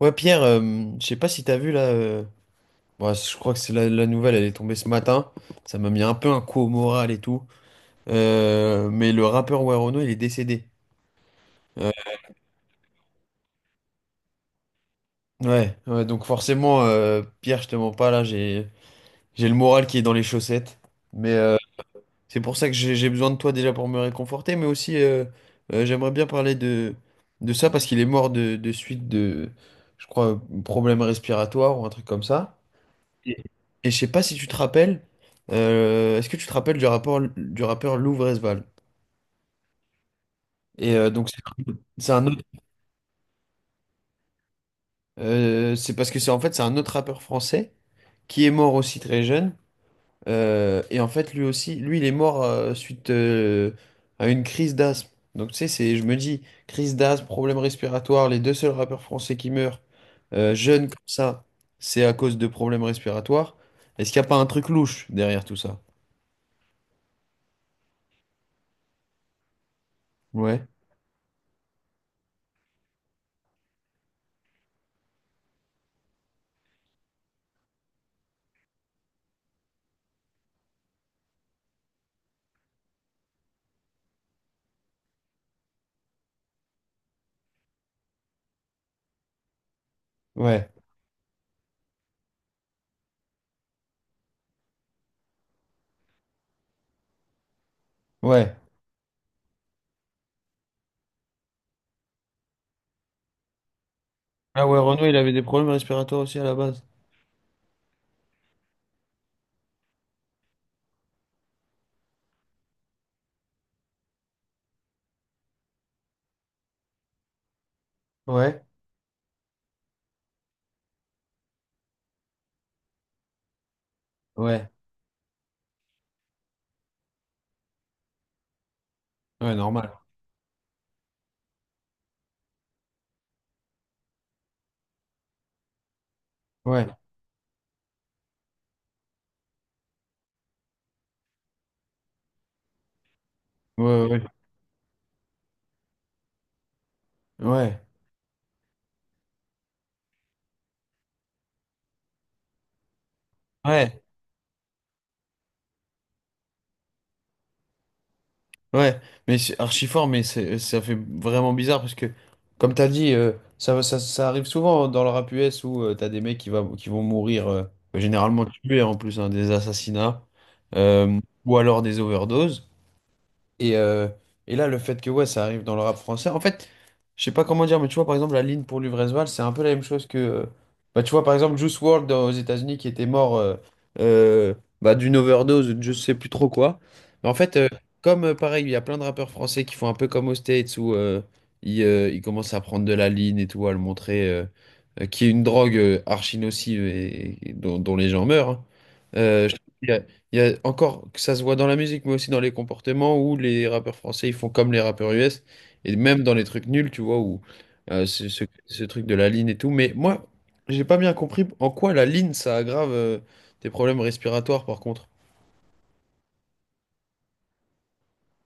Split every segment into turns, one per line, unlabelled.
Ouais, Pierre, je sais pas si t'as vu là. Ouais, je crois que c'est la nouvelle, elle est tombée ce matin. Ça m'a mis un peu un coup au moral et tout. Mais le rappeur Werono, il est décédé. Euh, ouais, ouais, donc forcément, Pierre, je te mens pas là, j'ai le moral qui est dans les chaussettes. Mais c'est pour ça que j'ai besoin de toi déjà pour me réconforter, mais aussi j'aimerais bien parler de ça parce qu'il est mort de suite je crois, problème respiratoire ou un truc comme ça. Et je sais pas si tu te rappelles, est-ce que tu te rappelles du rapport du rappeur Lou Vresval? Et donc c'est un autre, c'est parce que c'est en fait c'est un autre rappeur français qui est mort aussi très jeune. Et en fait lui aussi, lui il est mort suite à une crise d'asthme. Donc tu sais, c'est, je me dis, crise d'asthme, problème respiratoire, les deux seuls rappeurs français qui meurent jeunes comme ça, c'est à cause de problèmes respiratoires. Est-ce qu'il n'y a pas un truc louche derrière tout ça? Ouais, ouais, ouais. Ah ouais, Renaud, il avait des problèmes respiratoires aussi à la base. Ouais, ouais, ouais, normal. Ouais, ouais, ouais, ouais. Ouais, ouais, mais c'est archi fort, mais c'est, ça fait vraiment bizarre parce que, comme t'as dit, ça, ça, ça arrive souvent dans le rap US où t'as des mecs qui, qui vont mourir, généralement tués en plus, hein, des assassinats, euh, ou alors des overdoses. Et, euh, et là, le fait que ouais, ça arrive dans le rap français, en fait, je sais pas comment dire, mais tu vois, par exemple, la ligne pour Luvresval, c'est un peu la même chose que. Bah, tu vois, par exemple, Juice WRLD aux États-Unis qui était mort euh, bah, d'une overdose, ou de je sais plus trop quoi. Mais en fait, comme pareil, il y a plein de rappeurs français qui font un peu comme aux States où ils, ils commencent à prendre de la ligne et tout, à le montrer, qui est une drogue archi nocive et dont, dont les gens meurent. Hein. Je trouve il y a encore que ça se voit dans la musique, mais aussi dans les comportements où les rappeurs français ils font comme les rappeurs US et même dans les trucs nuls, tu vois, où ce, ce truc de la ligne et tout. Mais moi, j'ai pas bien compris en quoi la ligne ça aggrave tes problèmes respiratoires, par contre.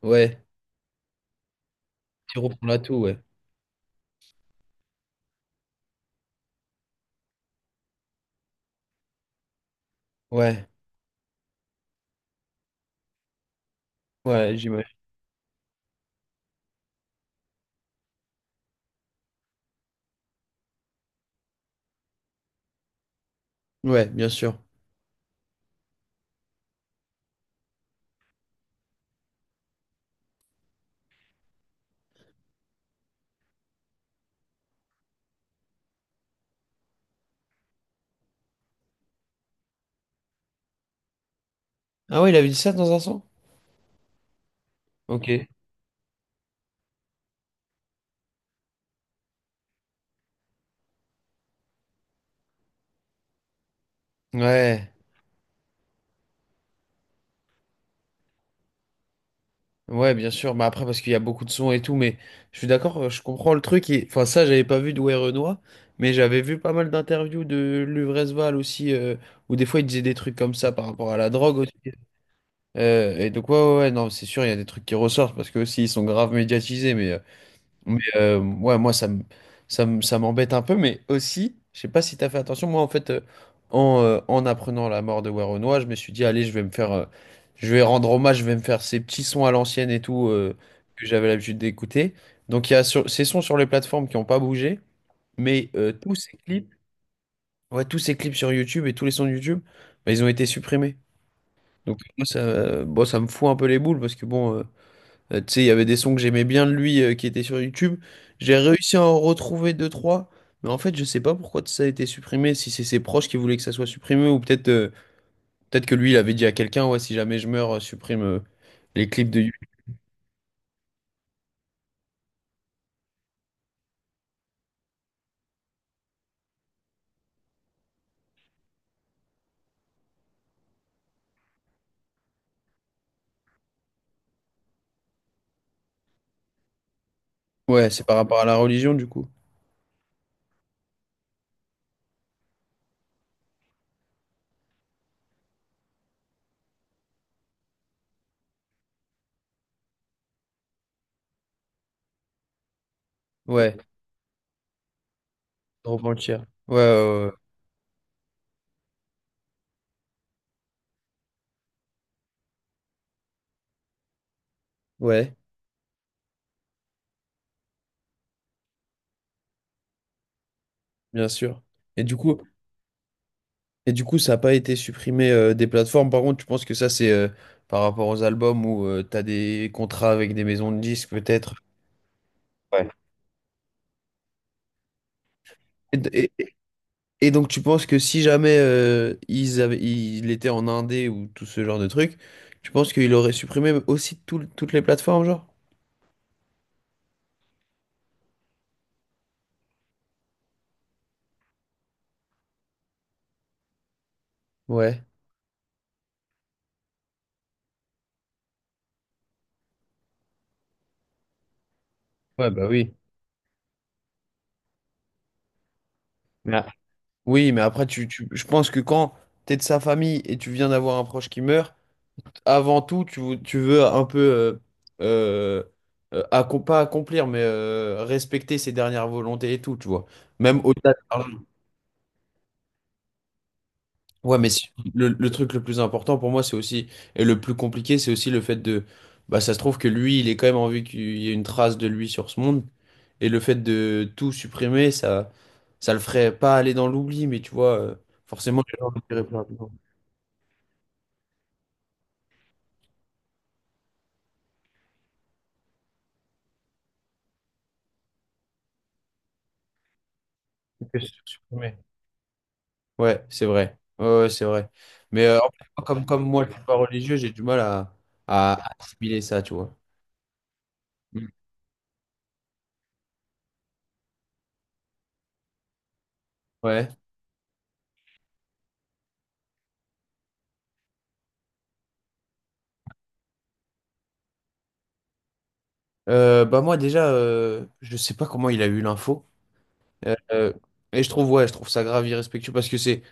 Ouais, sirop pour la toux, ouais. Ouais, ouais, j'imagine. Ouais, bien sûr. Ah ouais, il avait dit ça dans un son? Ok. Ouais. Ouais, bien sûr. Bah après, parce qu'il y a beaucoup de sons et tout, mais je suis d'accord, je comprends le truc. Et... Enfin, ça, j'avais pas vu d'Ouai Renoir, mais j'avais vu pas mal d'interviews de Luvresval aussi, où des fois il disait des trucs comme ça par rapport à la drogue aussi. Et donc, ouais, ouais, ouais, non, c'est sûr, il y a des trucs qui ressortent parce que aussi ils sont grave médiatisés, mais. Mais ouais, moi, ça m'embête un peu, mais aussi, je sais pas si tu as fait attention, moi, en fait, en apprenant la mort de Werenoi, je me suis dit, allez, je vais me faire, je vais rendre hommage, je vais me faire ces petits sons à l'ancienne et tout, que j'avais l'habitude d'écouter. Donc, il y a ces sons sur les plateformes qui n'ont pas bougé, mais tous ces clips, ouais, tous ces clips sur YouTube et tous les sons de YouTube, bah, ils ont été supprimés. Donc, moi, ça, bon, ça me fout un peu les boules, parce que bon... Tu sais, il y avait des sons que j'aimais bien de lui qui étaient sur YouTube. J'ai réussi à en retrouver deux, trois. Mais en fait, je sais pas pourquoi ça a été supprimé. Si c'est ses proches qui voulaient que ça soit supprimé, ou peut-être peut-être que lui, il avait dit à quelqu'un, ouais, si jamais je meurs, supprime les clips de YouTube. Ouais, c'est par rapport à la religion, du coup. Ouais, repentir. Ouais, ouais, ouais, ouais, bien sûr. Et du coup, et du coup, ça n'a pas été supprimé des plateformes. Par contre, tu penses que ça, c'est par rapport aux albums où tu as des contrats avec des maisons de disques, peut-être? Ouais. Et, et- Et donc tu penses que si jamais il était en indé ou tout ce genre de truc, tu penses qu'il aurait supprimé aussi toutes les plateformes, genre? Ouais. Ouais, bah oui. Mais a- Oui, mais après, je pense que quand t'es de sa famille et tu viens d'avoir un proche qui meurt, avant tout, tu veux un peu, euh, pas accomplir, mais respecter ses dernières volontés et tout, tu vois. Même au-delà de l'argent. Ouais, mais si- le truc le plus important pour moi, c'est aussi, et le plus compliqué, c'est aussi le fait de. Bah, ça se trouve que lui, il est quand même envie qu'il y ait une trace de lui sur ce monde, et le fait de tout supprimer, ça le ferait pas aller dans l'oubli, mais tu vois, forcément, les gens le diraient plus rapidement que supprimer. Ouais, c'est vrai. Ouais, ouais, c'est vrai. Mais en fait, comme moi, je suis pas religieux, j'ai du mal à assimiler ça, tu vois. Mm. Ouais. Bah moi, déjà, je sais pas comment il a eu l'info. Euh, euh, et je trouve, ouais, je trouve ça grave irrespectueux parce que c'est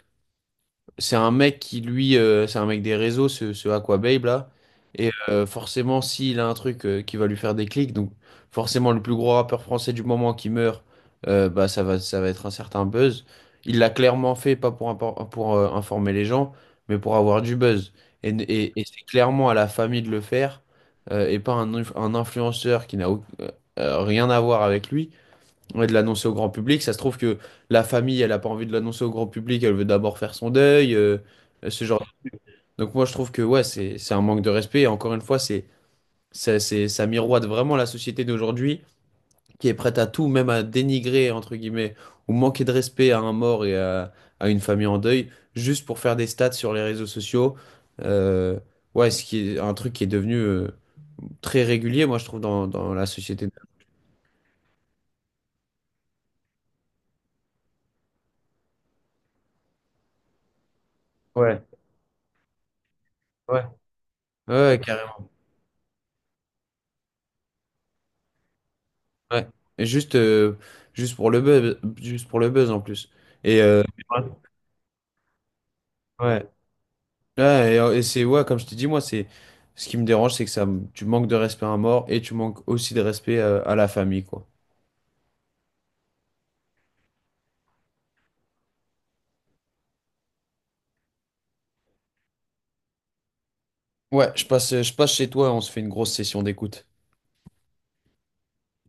c'est un mec qui, lui, c'est un mec des réseaux, ce Aquababe là. Et forcément, s'il a un truc qui va lui faire des clics, donc forcément, le plus gros rappeur français du moment qui meurt, bah, ça va être un certain buzz. Il l'a clairement fait, pas pour, impor- pour informer les gens, mais pour avoir du buzz. Et c'est clairement à la famille de le faire et pas un influenceur qui n'a rien à voir avec lui et de l'annoncer au grand public. Ça se trouve que la famille, elle a pas envie de l'annoncer au grand public, elle veut d'abord faire son deuil, ce genre. Donc moi, je trouve que ouais, c'est un manque de respect. Et encore une fois, c'est ça miroite vraiment la société d'aujourd'hui qui est prête à tout, même à dénigrer entre guillemets ou manquer de respect à un mort et à une famille en deuil, juste pour faire des stats sur les réseaux sociaux. Euh, ouais, ce qui est un truc qui est devenu très régulier, moi, je trouve, dans, dans la société. Ouais, ouais. Ouais, carrément. Ouais. Et juste, juste pour le buzz, juste pour le buzz en plus. Et euh, ouais. Et c'est ouais, comme je te dis, moi, c'est ce qui me dérange, c'est que tu manques de respect à un mort et tu manques aussi de respect à la famille, quoi. Ouais, je passe chez toi et on se fait une grosse session d'écoute.